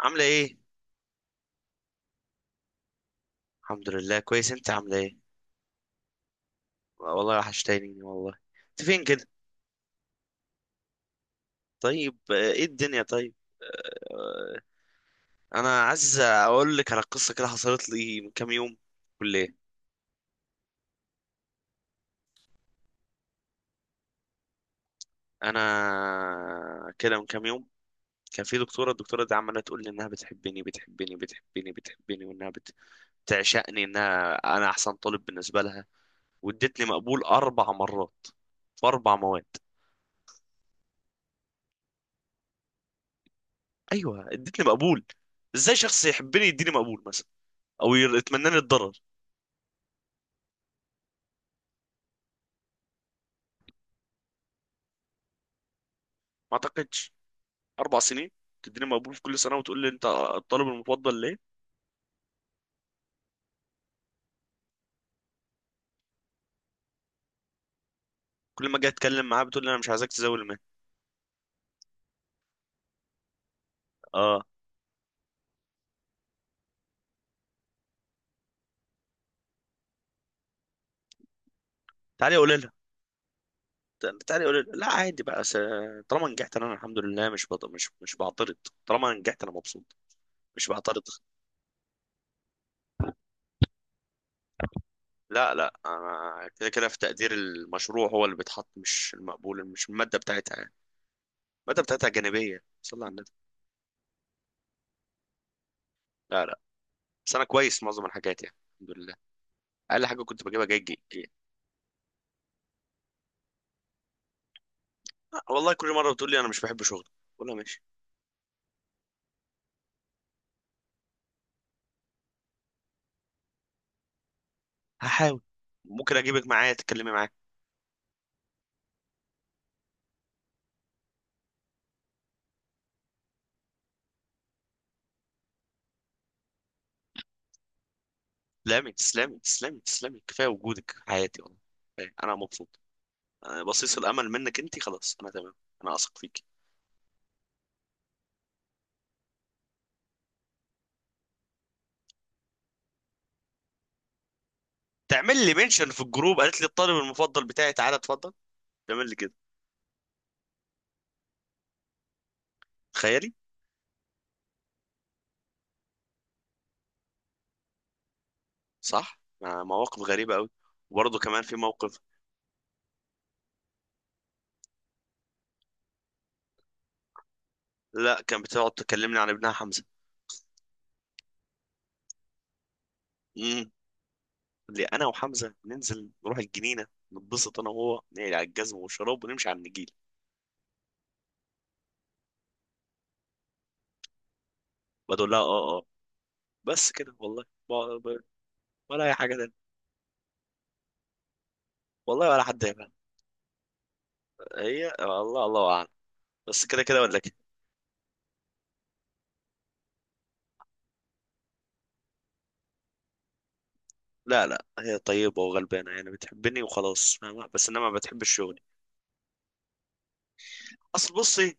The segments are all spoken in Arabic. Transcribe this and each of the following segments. عاملة ايه؟ الحمد لله كويس، انت عاملة ايه؟ والله وحشتيني والله. انت فين كده؟ طيب، ايه الدنيا طيب؟ آه، انا عايز اقول لك على قصة كده حصلت لي من كام يوم. كلية. انا كده من كام يوم كان في الدكتورة دي عمالة تقول لي انها بتحبني بتحبني بتحبني بتحبني، بتعشقني، انها انا احسن طالب بالنسبة لها، وادتني مقبول اربع مرات في اربع مواد. ايوه ادتني مقبول. ازاي شخص يحبني يديني مقبول مثلا، او يتمنى لي الضرر؟ ما اعتقدش. اربع سنين تديني مقبول في كل سنه وتقول لي انت الطالب المفضل ليه؟ كل ما اجي اتكلم معاه بتقول لي انا مش عايزك تزاول المهنه. اه. تعالي قولي لها، تعالي قولي لها. لا عادي بقى، طالما نجحت انا الحمد لله، مش بط... مش مش بعترض. طالما نجحت انا مبسوط، مش بعترض. لا لا، انا كده كده في تقدير المشروع هو اللي بيتحط، مش المقبول، مش الماده بتاعتها يعني. الماده بتاعتها جانبيه، صلى على النبي. لا لا، بس انا كويس معظم الحاجات يعني، الحمد لله. اقل حاجه كنت بجيبها جيد. جيد. والله كل مره بتقول لي انا مش بحب شغلي، بقول لها ماشي. هحاول، ممكن اجيبك معايا تتكلمي معايا. تسلمي تسلمي تسلمي تسلمي، كفايه وجودك في حياتي والله. كفاية. انا مبسوط. أنا بصيص الامل منك انت، خلاص انا تمام. انا اثق فيك. تعمل لي منشن في الجروب، قالت لي الطالب المفضل بتاعي تعالى اتفضل. تعمل لي كده. تخيلي. صح، مع مواقف غريبه قوي. وبرضه كمان في موقف. لا، كان بتقعد تكلمني عن ابنها حمزه. امم. اللي انا وحمزه ننزل نروح الجنينه، نتبسط انا وهو، نقلع على الجزم والشراب ونمشي على النجيل. بقول لها اه اه. بس كده والله. ولا اي حاجه تانية. والله ولا حد يفهم. هي الله، الله اعلم. بس كده كده ولا كده. لا لا، هي طيبه وغلبانه يعني، بتحبني وخلاص، فاهمة؟ بس انما ما بتحبش شغلي. اصل بصي،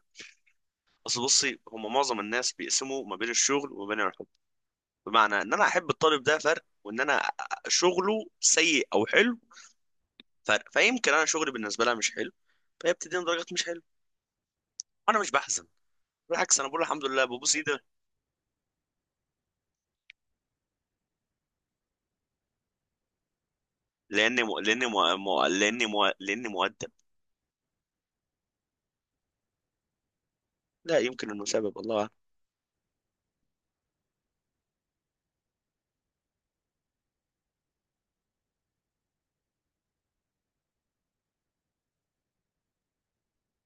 اصل بصي، هم معظم الناس بيقسموا ما بين الشغل وما بين الحب. بمعنى ان انا احب الطالب ده فرق، وان انا شغله سيء او حلو فرق. فيمكن انا شغلي بالنسبه لها مش حلو، فهي بتديني درجات مش حلوه. انا مش بحزن، بالعكس انا بقول الحمد لله، ببوس ايدي. لاني مو... لاني مو... مو... لاني مو... لاني مؤدب. لا يمكن انه سبب، الله أعلم.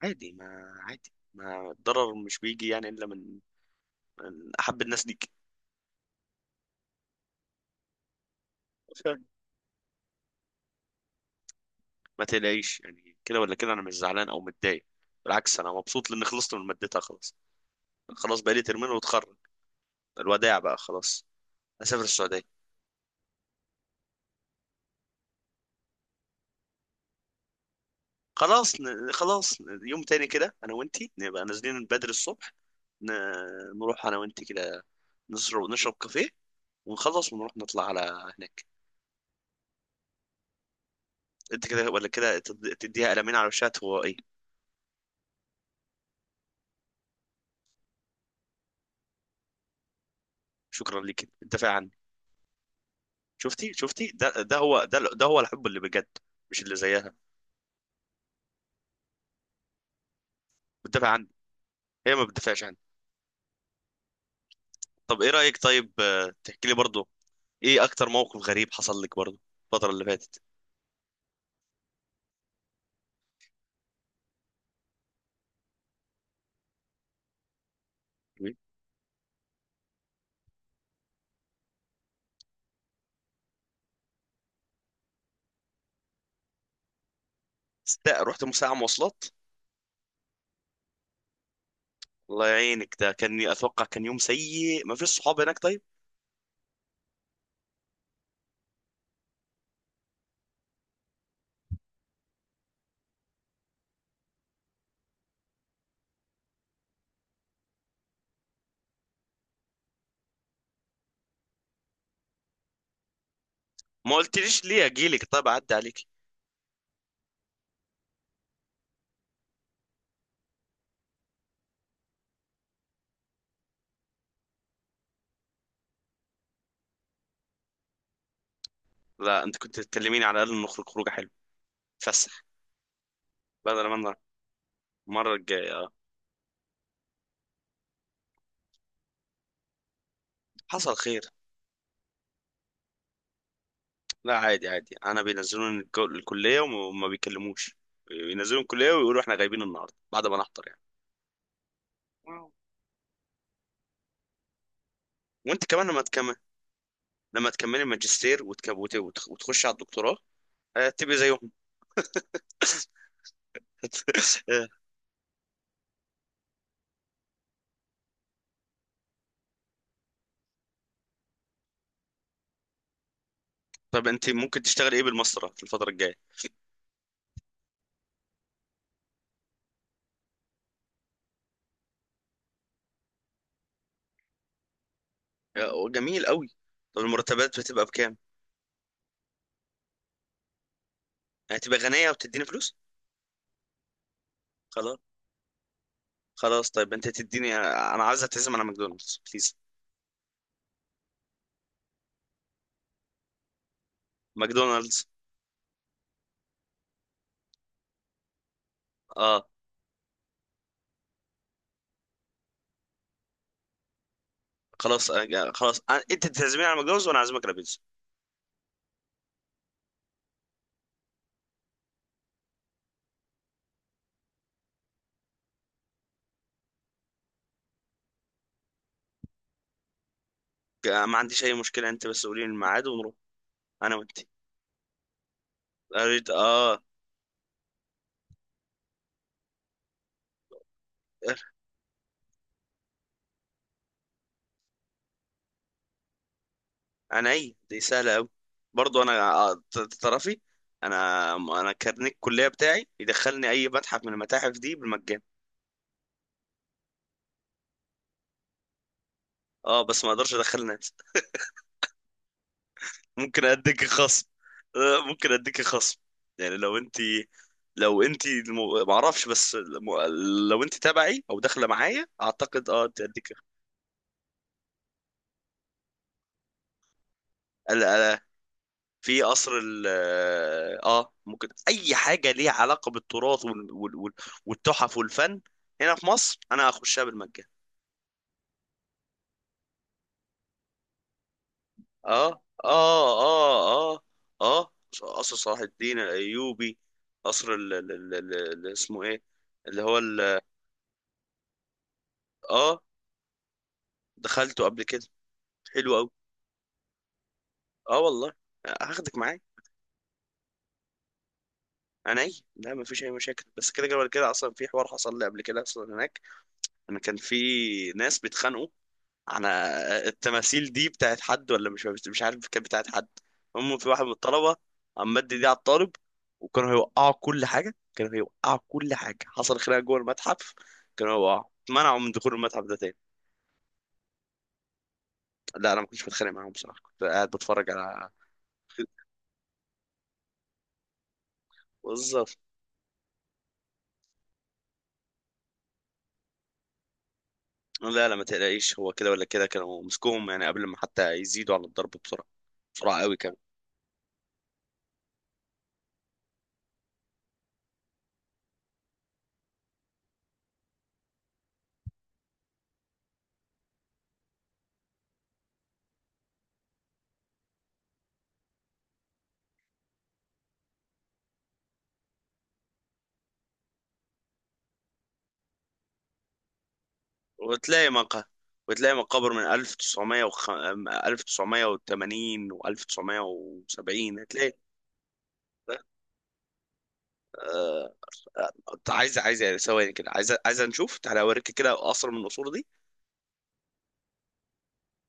عادي ما عادي ما الضرر مش بيجي يعني الا من، من احب الناس ليك. فاهم؟ ما تقلقيش يعني، كده ولا كده انا مش زعلان او متضايق. بالعكس انا مبسوط لاني خلصت من مادتها خلاص. خلاص بقالي ترمين واتخرج. الوداع بقى، خلاص اسافر السعوديه. يوم تاني كده انا وانتي نبقى نازلين بدري الصبح، ن... نروح انا وانتي كده، نشرب كافيه، ونخلص ونروح نطلع على هناك. انت كده ولا كده تديها قلمين على وشها، هو ايه؟ شكرا ليك انت فعلا. شفتي، ده هو الحب اللي بجد، مش اللي زيها. بتدافع عني، هي ما بتدافعش عني. طب ايه رأيك طيب، تحكي لي برضه ايه اكتر موقف غريب حصل لك برضه الفترة اللي فاتت؟ رحت ساعة مواصلات. الله يعينك، ده كان اتوقع كان يوم سيء ما فيش صحاب هناك طيب. ما قلتليش ليه، اجي لك طيب اعدي عليك. لا، انت كنت تكلميني على الاقل نخرج خروجه حلوه، فسح. بدل ما أنا- المره الجايه حصل خير. لا عادي عادي، انا بينزلوني الكليه وما بيكلموش، بينزلوني الكليه ويقولوا احنا غايبين النهارده بعد ما نحضر يعني. واو. وانت كمان لما تكمل، لما تكملي ماجستير وتخش على الدكتوراه، تبقي زيهم. آه، طب انت ممكن تشتغل ايه بالمسطره في الفتره الجايه؟ جميل قوي. طب المرتبات بتبقى بكام؟ هتبقى غنيه وتديني فلوس. خلاص. خلاص طيب انت تديني، انا عايز اتعزم على ماكدونالدز بليز. ماكدونالدز. اه. خلاص خلاص، انت تعزميني على ماكدونالدز وانا اعزمك على بيتزا. ما عنديش اي مشكله، انت بس قولي لي الميعاد ونروح انا وانت. قريت، اه. اي دي سهله قوي. برضو انا، تعرفي، انا كارنيك الكليه بتاعي يدخلني اي متحف من المتاحف دي بالمجان. اه بس ما اقدرش ادخل ناس. ممكن اديك خصم. ممكن اديك خصم، يعني لو انت ما اعرفش بس لو انت تبعي او داخله معايا اعتقد اه. اديك في قصر ال اه، ممكن اي حاجه ليها علاقه بالتراث والتحف والفن هنا في مصر، انا هخشها بالمجان. اه اه اه. اه اه. قصر صلاح الدين الايوبي. قصر ال... ال... ال... ال... ال- اسمه ايه، اللي هو اه. دخلته قبل كده، حلو قوي. اه والله، هاخدك معايا. انا ايه، لا ما فيش اي مشاكل، بس كده كده كده. اصلا في حوار حصل لي قبل كده اصلا هناك، انا كان في ناس بيتخانقوا. انا، التماثيل دي بتاعت حد ولا، مش مش عارف، كانت بتاعت حد. هم في واحد من الطلبه عم مد دي على الطالب، وكانوا هيوقعوا كل حاجه، كانوا هيوقعوا كل حاجه، حصل خناقه جوه المتحف. كانوا هيوقعوا، اتمنعوا من دخول المتحف ده تاني. لا انا ما كنتش بتخانق معاهم بصراحه، كنت قاعد بتفرج على. بالظبط. لا لا ما تقلقيش، هو كده ولا كده كانوا مسكوهم يعني قبل ما حتى يزيدوا على الضرب، بسرعه، بسرعه قوي كمان. وتلاقي مقا وتلاقي مقابر من 1900 1980 و1970 هتلاقي. عايزه ثواني كده، عايزه نشوف، تعالى اوريك كده قصر من القصور دي.